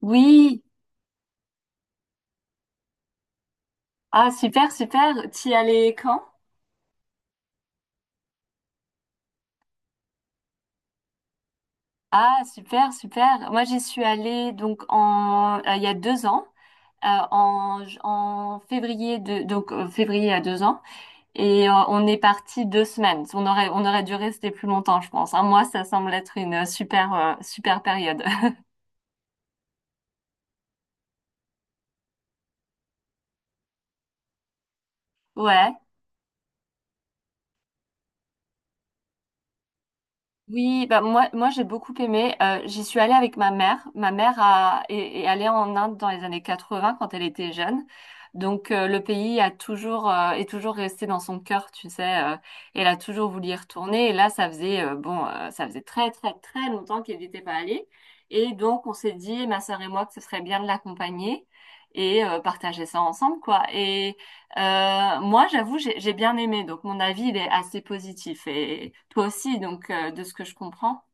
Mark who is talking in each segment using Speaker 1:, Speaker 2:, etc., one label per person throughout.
Speaker 1: Oui, ah super, super. Tu y allais quand? Ah super, super. Moi j'y suis allée donc en il y a 2 ans, en février de février à 2 ans et on est parti 2 semaines. On aurait dû rester plus longtemps je pense. Un mois ça semble être une super super période. Ouais. Oui, moi j'ai beaucoup aimé. J'y suis allée avec ma mère. Ma mère est allée en Inde dans les années 80 quand elle était jeune. Le pays a toujours est toujours resté dans son cœur, tu sais. Elle a toujours voulu y retourner. Et là, ça faisait ça faisait très très très longtemps qu'elle n'était pas allée. Et donc on s'est dit, ma sœur et moi, que ce serait bien de l'accompagner et partager ça ensemble, quoi. Et moi, j'avoue, j'ai bien aimé, donc mon avis, il est assez positif. Et toi aussi, donc, de ce que je comprends.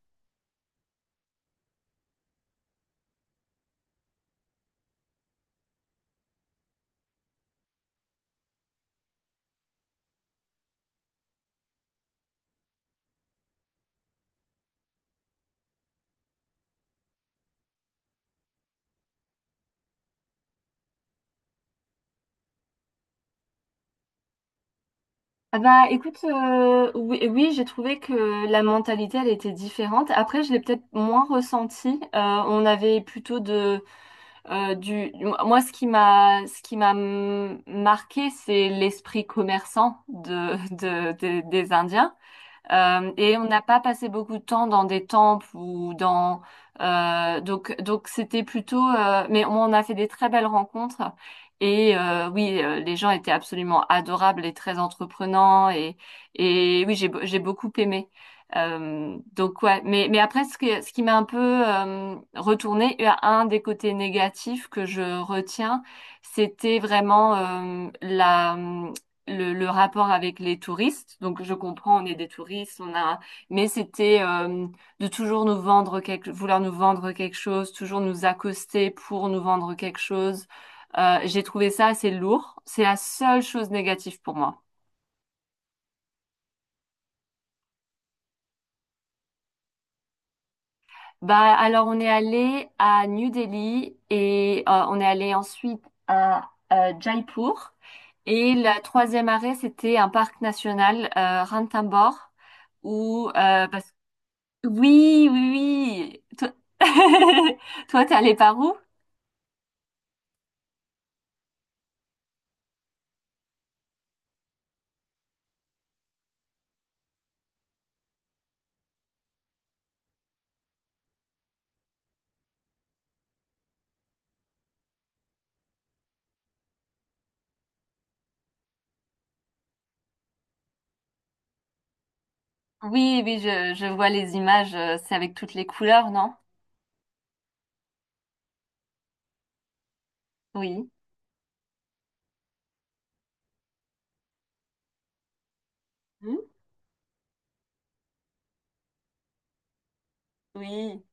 Speaker 1: Ah bah écoute, oui, oui, j'ai trouvé que la mentalité, elle était différente. Après, je l'ai peut-être moins ressenti. On avait euh, du, moi, ce qui m'a marqué, c'est l'esprit commerçant des Indiens. Et on n'a pas passé beaucoup de temps dans des temples ou dans c'était plutôt, mais on a fait des très belles rencontres et oui les gens étaient absolument adorables et très entreprenants et oui j'ai beaucoup aimé. Donc ouais, mais après ce qui m'a un peu retourné, un des côtés négatifs que je retiens, c'était vraiment la le rapport avec les touristes. Donc je comprends, on est des touristes, on a, mais c'était de toujours vouloir nous vendre quelque chose, toujours nous accoster pour nous vendre quelque chose. J'ai trouvé ça assez lourd. C'est la seule chose négative pour moi. Bah alors on est allé à New Delhi et on est allé ensuite à Jaipur. Et la troisième arrêt, c'était un parc national, Ranthambore, où parce Oui, oui, oui. Toi, toi, t'es allé par où? Oui, oui, je vois les images. C'est avec toutes les couleurs, non? Oui. Hmm. Oui.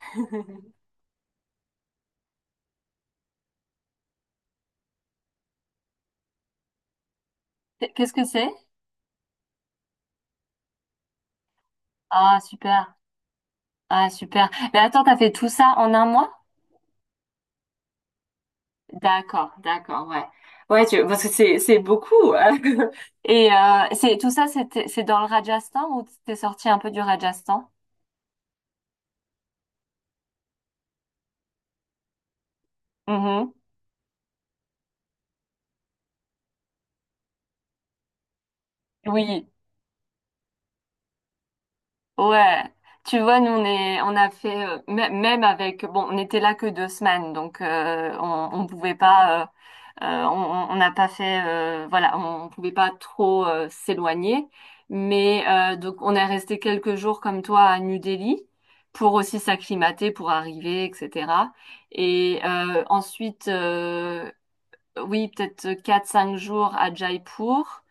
Speaker 1: Qu'est-ce que c'est? Ah, super. Ah, super. Mais attends, t'as fait tout ça en un mois? D'accord, d'accord, ouais. Ouais, parce que c'est beaucoup. Et c'est tout ça, c'est dans le Rajasthan ou t'es sorti un peu du Rajasthan? Mhm. Oui. Ouais, tu vois, on a fait même avec, bon, on était là que 2 semaines, donc on pouvait pas, on n'a pas fait, voilà, on pouvait pas trop s'éloigner, mais donc on est resté quelques jours comme toi à New Delhi pour aussi s'acclimater, pour arriver, etc. Et oui, peut-être 4 ou 5 jours à Jaipur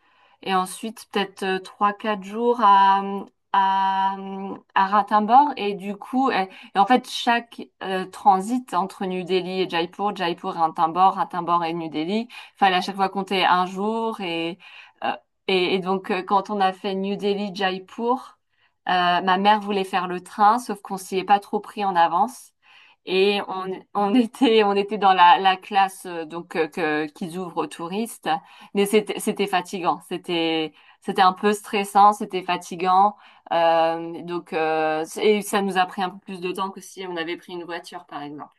Speaker 1: et ensuite peut-être 3 ou 4 jours à, à Ranthambore. Et du coup, et en fait, chaque transit entre New Delhi et Jaipur, Jaipur et Ranthambore, Ranthambore et New Delhi, fallait à chaque fois compter un jour. Et, euh, et donc, quand on a fait New Delhi-Jaipur, ma mère voulait faire le train, sauf qu'on s'y est pas trop pris en avance. Et on était dans la classe qu'ils ouvrent aux touristes, mais c'était fatigant, c'était un peu stressant, c'était fatigant. Et ça nous a pris un peu plus de temps que si on avait pris une voiture, par exemple.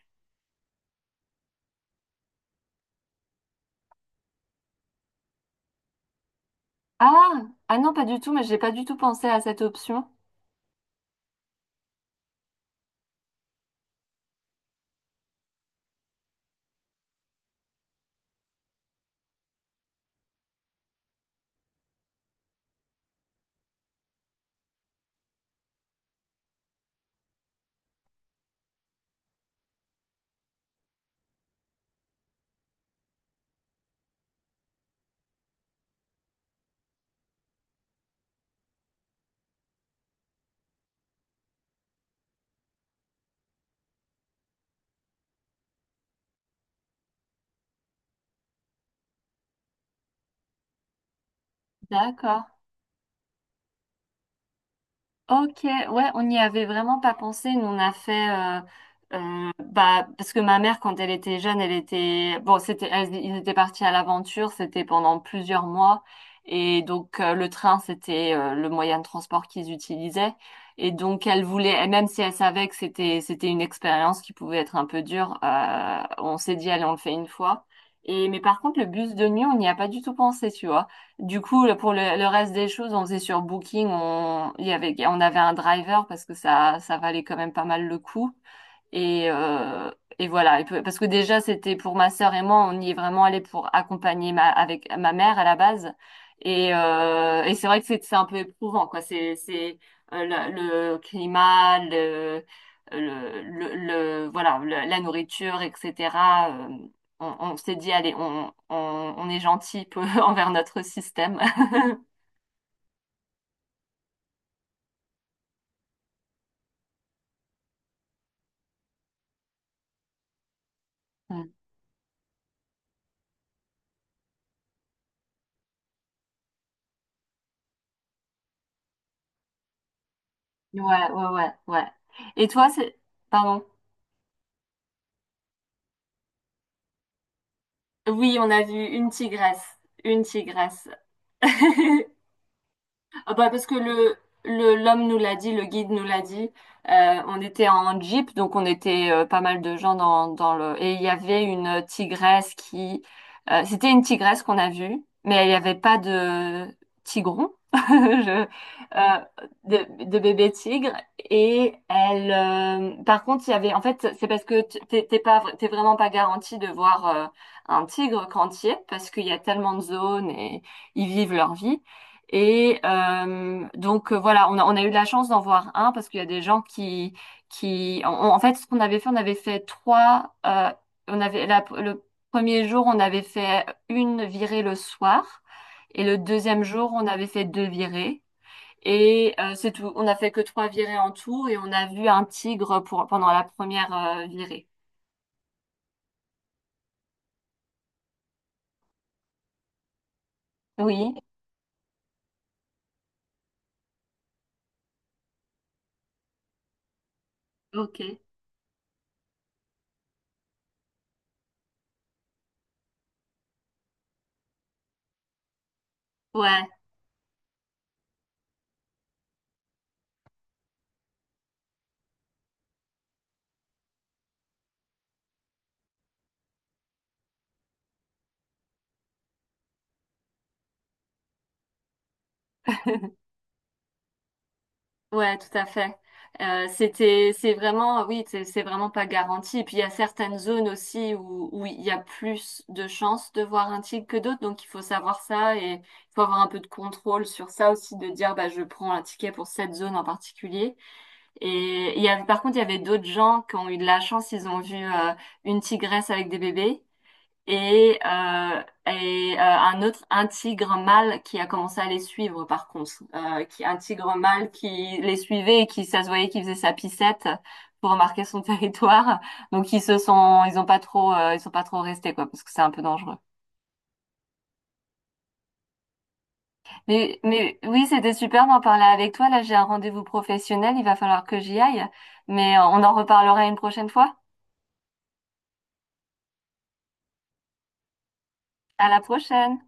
Speaker 1: Ah, ah non, pas du tout, mais j'ai pas du tout pensé à cette option. D'accord. Ok, ouais, on n'y avait vraiment pas pensé. Nous, on a fait, parce que ma mère, quand elle était jeune, elle était, bon, c'était, elle- ils étaient partis à l'aventure, c'était pendant plusieurs mois, et donc le train, c'était le moyen de transport qu'ils utilisaient, et donc elle voulait, et même si elle savait que c'était une expérience qui pouvait être un peu dure, on s'est dit, allez, on le fait une fois. Et mais par contre, le bus de nuit, on n'y a pas du tout pensé, tu vois. Du coup, pour le reste des choses, on faisait sur Booking, on avait un driver parce que ça valait quand même pas mal le coup. Et, euh, et voilà. Et parce que déjà, c'était pour ma sœur et moi, on y est vraiment allé pour accompagner avec ma mère à la base. Et c'est vrai que c'est un peu éprouvant, quoi. C'est le climat, le- voilà, la nourriture, etc. Euh, on s'est dit, allez, on est gentil peu envers notre système. Mm. Ouais, ouais, ouais, ouais. Et toi, c'est... Pardon. Oui, on a vu une tigresse. Une tigresse. Ah bah parce que l'homme nous l'a dit, le guide nous l'a dit. On était en jeep, donc on était pas mal de gens dans le... Et il y avait une tigresse qui... c'était une tigresse qu'on a vue, mais il n'y avait pas de tigron, euh, de bébé tigre. Et elle... par contre, il y avait... En fait, c'est parce que t'es pas, t'es vraiment pas garanti de voir un tigre quand tu y es, parce qu'il y a tellement de zones et ils vivent leur vie. Et voilà, on a eu de la chance d'en voir un parce qu'il y a des gens qui en, en fait ce qu'on avait fait, on avait fait trois. On avait le premier jour, on avait fait une virée le soir et le deuxième jour, on avait fait deux virées. Et c'est tout. On a fait que trois virées en tout et on a vu un tigre pour pendant la première virée. Oui. Ok. Ouais. Ouais, tout à fait. C'est vraiment, oui, c'est vraiment pas garanti. Et puis il y a certaines zones aussi où, où il y a plus de chances de voir un tigre que d'autres, donc il faut savoir ça et il faut avoir un peu de contrôle sur ça aussi, de dire bah je prends un ticket pour cette zone en particulier. Et il y avait, par contre, il y avait d'autres gens qui ont eu de la chance, ils ont vu une tigresse avec des bébés et, un autre, un tigre mâle qui a commencé à les suivre par contre, un tigre mâle qui les suivait et qui, ça se voyait qu'il faisait sa pissette pour marquer son territoire. Donc ils ont pas trop, ils sont pas trop restés quoi, parce que c'est un peu dangereux. Mais oui, c'était super d'en parler avec toi. Là, j'ai un rendez-vous professionnel, il va falloir que j'y aille. Mais on en reparlera une prochaine fois. À la prochaine.